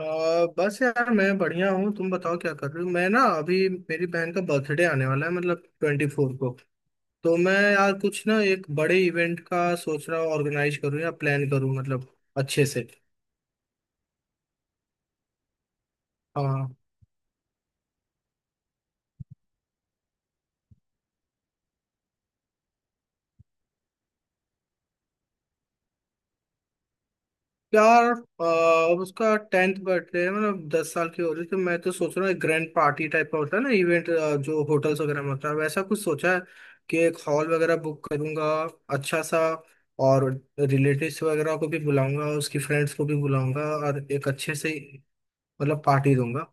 अ, बस यार मैं बढ़िया हूँ। तुम बताओ क्या कर रहे हो। मैं ना अभी मेरी बहन का बर्थडे आने वाला है, मतलब 24 को। तो मैं यार कुछ ना एक बड़े इवेंट का सोच रहा हूँ, ऑर्गेनाइज करूँ या प्लान करूँ, मतलब अच्छे से। हाँ यार, उसका 10th बर्थडे है, मतलब 10 साल की हो रही है, तो मैं तो सोच रहा हूँ एक ग्रैंड पार्टी टाइप का होता है ना इवेंट, जो होटल्स वगैरह में होता है, वैसा कुछ सोचा है कि एक हॉल वगैरह बुक करूंगा अच्छा सा। और रिलेटिव्स वगैरह को भी बुलाऊंगा, उसकी फ्रेंड्स को भी बुलाऊंगा, और एक अच्छे से मतलब पार्टी दूंगा।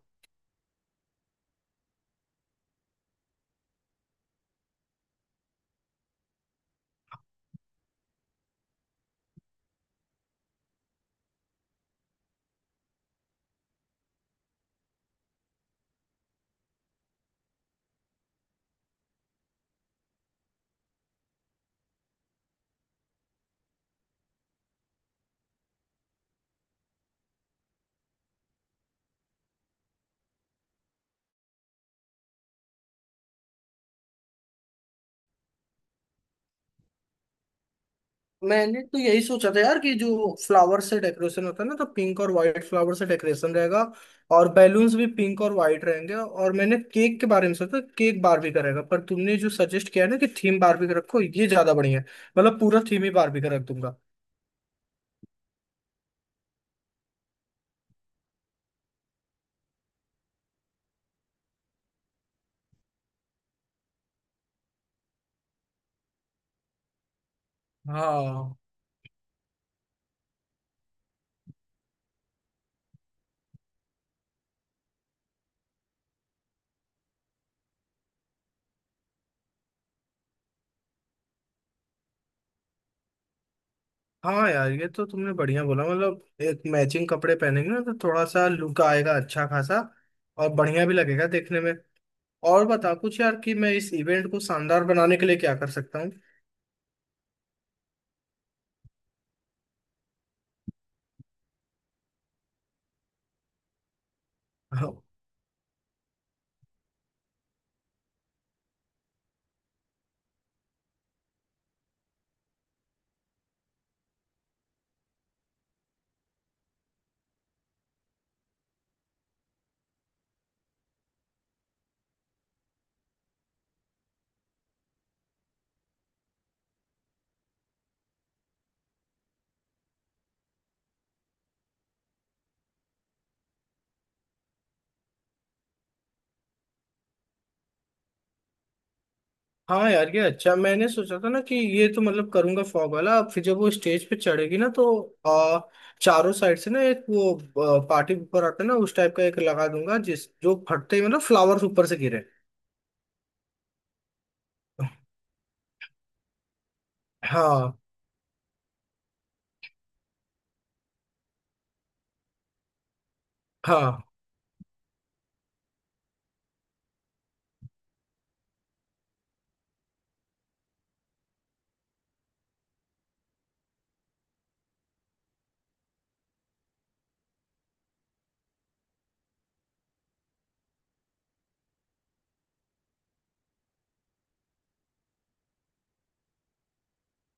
मैंने तो यही सोचा था यार कि जो फ्लावर से डेकोरेशन होता है ना, तो पिंक और वाइट फ्लावर से डेकोरेशन रहेगा। और बैलून्स भी पिंक और वाइट रहेंगे। और मैंने केक के बारे में सोचा, केक बारबी का रहेगा, पर तुमने जो सजेस्ट किया है ना कि थीम बारबी का रखो, ये ज्यादा बढ़िया है। मतलब पूरा थीम ही बारबी का रख दूंगा। हाँ। हाँ यार, ये तो तुमने बढ़िया बोला। मतलब एक मैचिंग कपड़े पहनेंगे ना, तो थोड़ा सा लुक आएगा अच्छा खासा, और बढ़िया भी लगेगा देखने में। और बता कुछ यार कि मैं इस इवेंट को शानदार बनाने के लिए क्या कर सकता हूँ। हाँ यार ये अच्छा। मैंने सोचा था ना कि ये तो मतलब करूंगा फॉग वाला। फिर जब वो स्टेज पे चढ़ेगी ना, तो आ, चारों साइड से ना एक वो पार्टी पेपर आता है ना, उस टाइप का एक लगा दूंगा जिस जो फटते ही मतलब फ्लावर्स ऊपर से गिरे। हाँ। हाँ।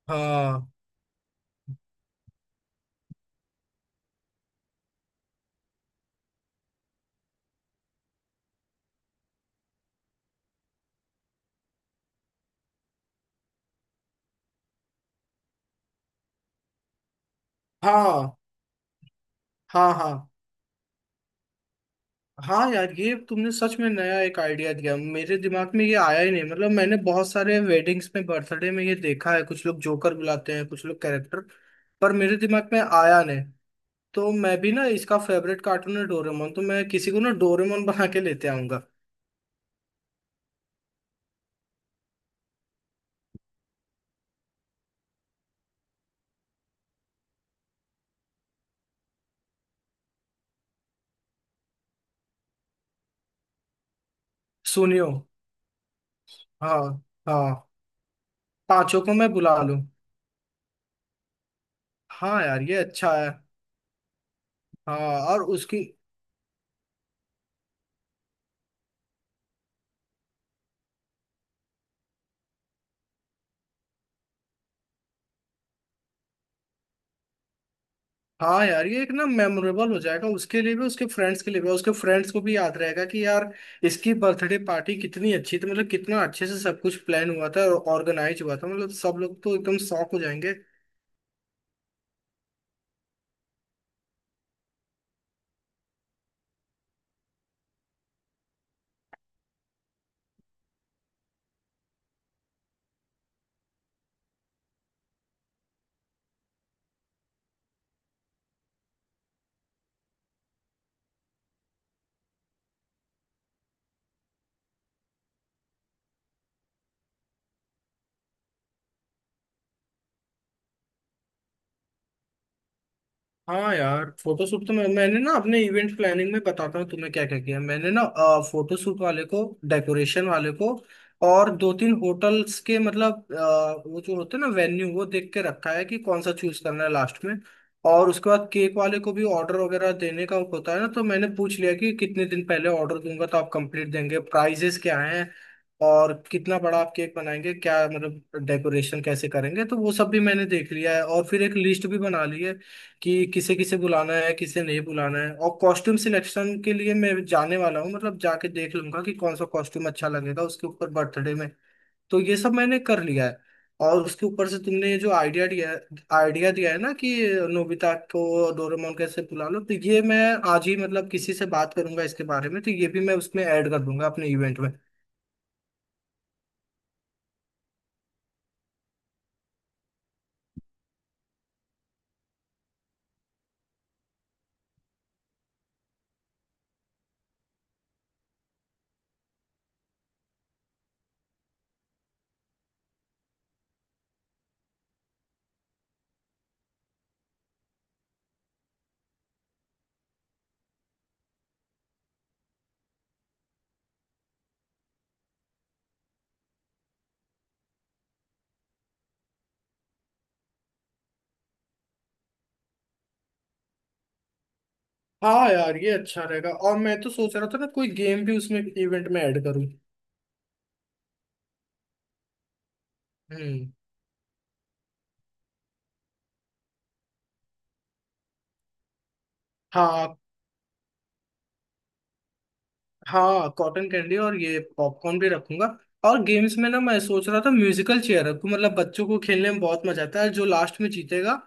हाँ। हाँ। हाँ। हाँ। हाँ यार, ये तुमने सच में नया एक आइडिया दिया। मेरे दिमाग में ये आया ही नहीं। मतलब मैंने बहुत सारे वेडिंग्स में, बर्थडे में ये देखा है, कुछ लोग जोकर बुलाते हैं, कुछ लोग कैरेक्टर, पर मेरे दिमाग में आया नहीं। तो मैं भी ना, इसका फेवरेट कार्टून है डोरेमोन, तो मैं किसी को ना डोरेमोन बना के लेते आऊंगा। सुनियो। हाँ। हाँ। पांचों को मैं बुला लूं। हाँ यार ये अच्छा है। हाँ। और उसकी। हाँ यार ये एक ना मेमोरेबल हो जाएगा, उसके लिए भी, उसके फ्रेंड्स के लिए भी। उसके फ्रेंड्स को भी याद रहेगा कि यार, इसकी बर्थडे पार्टी कितनी अच्छी थी। मतलब कितना अच्छे से सब कुछ प्लान हुआ था और ऑर्गेनाइज हुआ था। मतलब सब लोग तो एकदम शॉक हो जाएंगे। हाँ यार, फोटोशूट तो मैंने ना, अपने इवेंट प्लानिंग में बताता हूँ तुम्हें क्या क्या किया मैंने ना। फोटोशूट वाले को, डेकोरेशन वाले को, और दो तीन होटल्स के मतलब वो जो होते हैं ना वेन्यू, वो देख के रखा है कि कौन सा चूज करना है लास्ट में। और उसके बाद केक वाले को भी ऑर्डर वगैरह देने का होता है ना, तो मैंने पूछ लिया कि कितने दिन पहले ऑर्डर दूंगा तो आप कंप्लीट देंगे, प्राइजेस क्या हैं, और कितना बड़ा आप केक बनाएंगे, क्या मतलब डेकोरेशन कैसे करेंगे। तो वो सब भी मैंने देख लिया है और फिर एक लिस्ट भी बना ली है कि किसे किसे बुलाना है, किसे नहीं बुलाना है। और कॉस्ट्यूम सिलेक्शन के लिए मैं जाने वाला हूँ, मतलब जाके देख लूंगा कि कौन सा कॉस्ट्यूम अच्छा लगेगा उसके ऊपर बर्थडे में। तो ये सब मैंने कर लिया है। और उसके ऊपर से तुमने ये जो आइडिया दिया, आइडिया दिया है ना कि नोबिता को, डोरेमोन कैसे बुला लो, तो ये मैं आज ही मतलब किसी से बात करूंगा इसके बारे में, तो ये भी मैं उसमें ऐड कर दूंगा अपने इवेंट में। हाँ यार ये अच्छा रहेगा। और मैं तो सोच रहा था ना कोई गेम भी उसमें इवेंट में ऐड करूँ। हम्म। हाँ। हाँ कॉटन कैंडी और ये पॉपकॉर्न भी रखूंगा। और गेम्स में ना मैं सोच रहा था म्यूजिकल चेयर रखूं, मतलब बच्चों को खेलने में बहुत मजा आता है। जो लास्ट में जीतेगा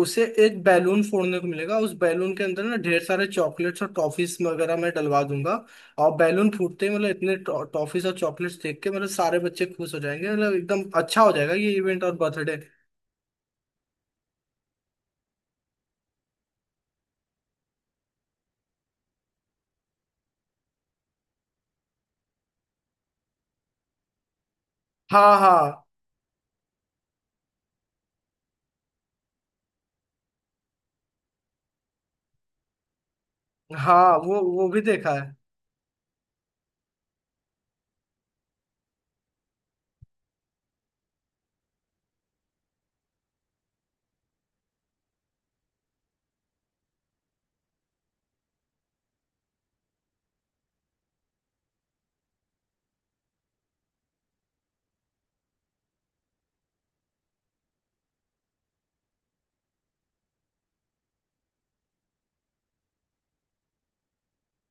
उसे एक बैलून फोड़ने को मिलेगा। उस बैलून के अंदर ना ढेर सारे चॉकलेट्स और टॉफीज वगैरह मैं डलवा दूंगा। और बैलून फूटते ही मतलब इतने टॉफीज और चॉकलेट्स देख के मतलब सारे बच्चे खुश हो जाएंगे। मतलब एकदम अच्छा हो जाएगा ये इवेंट और बर्थडे। हाँ। हाँ। हाँ वो भी देखा है।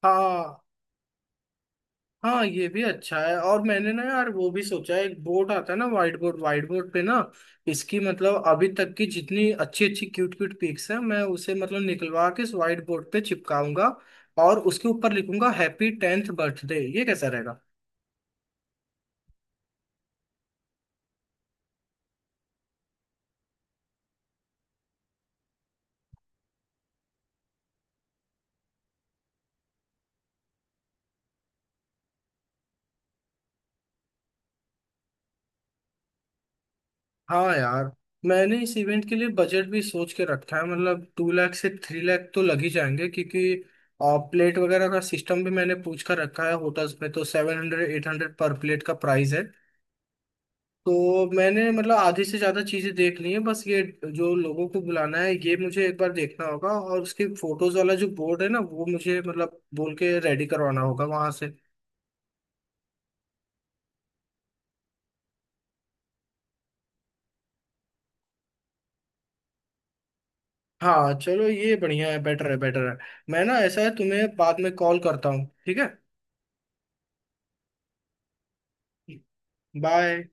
हाँ। हाँ ये भी अच्छा है। और मैंने ना यार वो भी सोचा है, एक बोर्ड आता है ना, व्हाइट बोर्ड। व्हाइट बोर्ड पे ना इसकी मतलब अभी तक की जितनी अच्छी अच्छी क्यूट क्यूट पिक्स हैं मैं उसे मतलब निकलवा के इस व्हाइट बोर्ड पे चिपकाऊंगा। और उसके ऊपर लिखूंगा हैप्पी 10th बर्थडे। ये कैसा रहेगा? हाँ यार, मैंने इस इवेंट के लिए बजट भी सोच के रखा है, मतलब 2 लाख से 3 लाख तो लग ही जाएंगे, क्योंकि प्लेट वगैरह का सिस्टम भी मैंने पूछ कर रखा है होटल्स में तो 700 800 पर प्लेट का प्राइस है। तो मैंने मतलब आधी से ज्यादा चीजें देख ली हैं, बस ये जो लोगों को बुलाना है ये मुझे एक बार देखना होगा, और उसकी फोटोज वाला जो बोर्ड है ना वो मुझे मतलब बोल के रेडी करवाना होगा वहां से। हाँ चलो ये बढ़िया है, बेटर है बेटर है। मैं ना ऐसा है तुम्हें बाद में कॉल करता हूँ, ठीक है। बाय।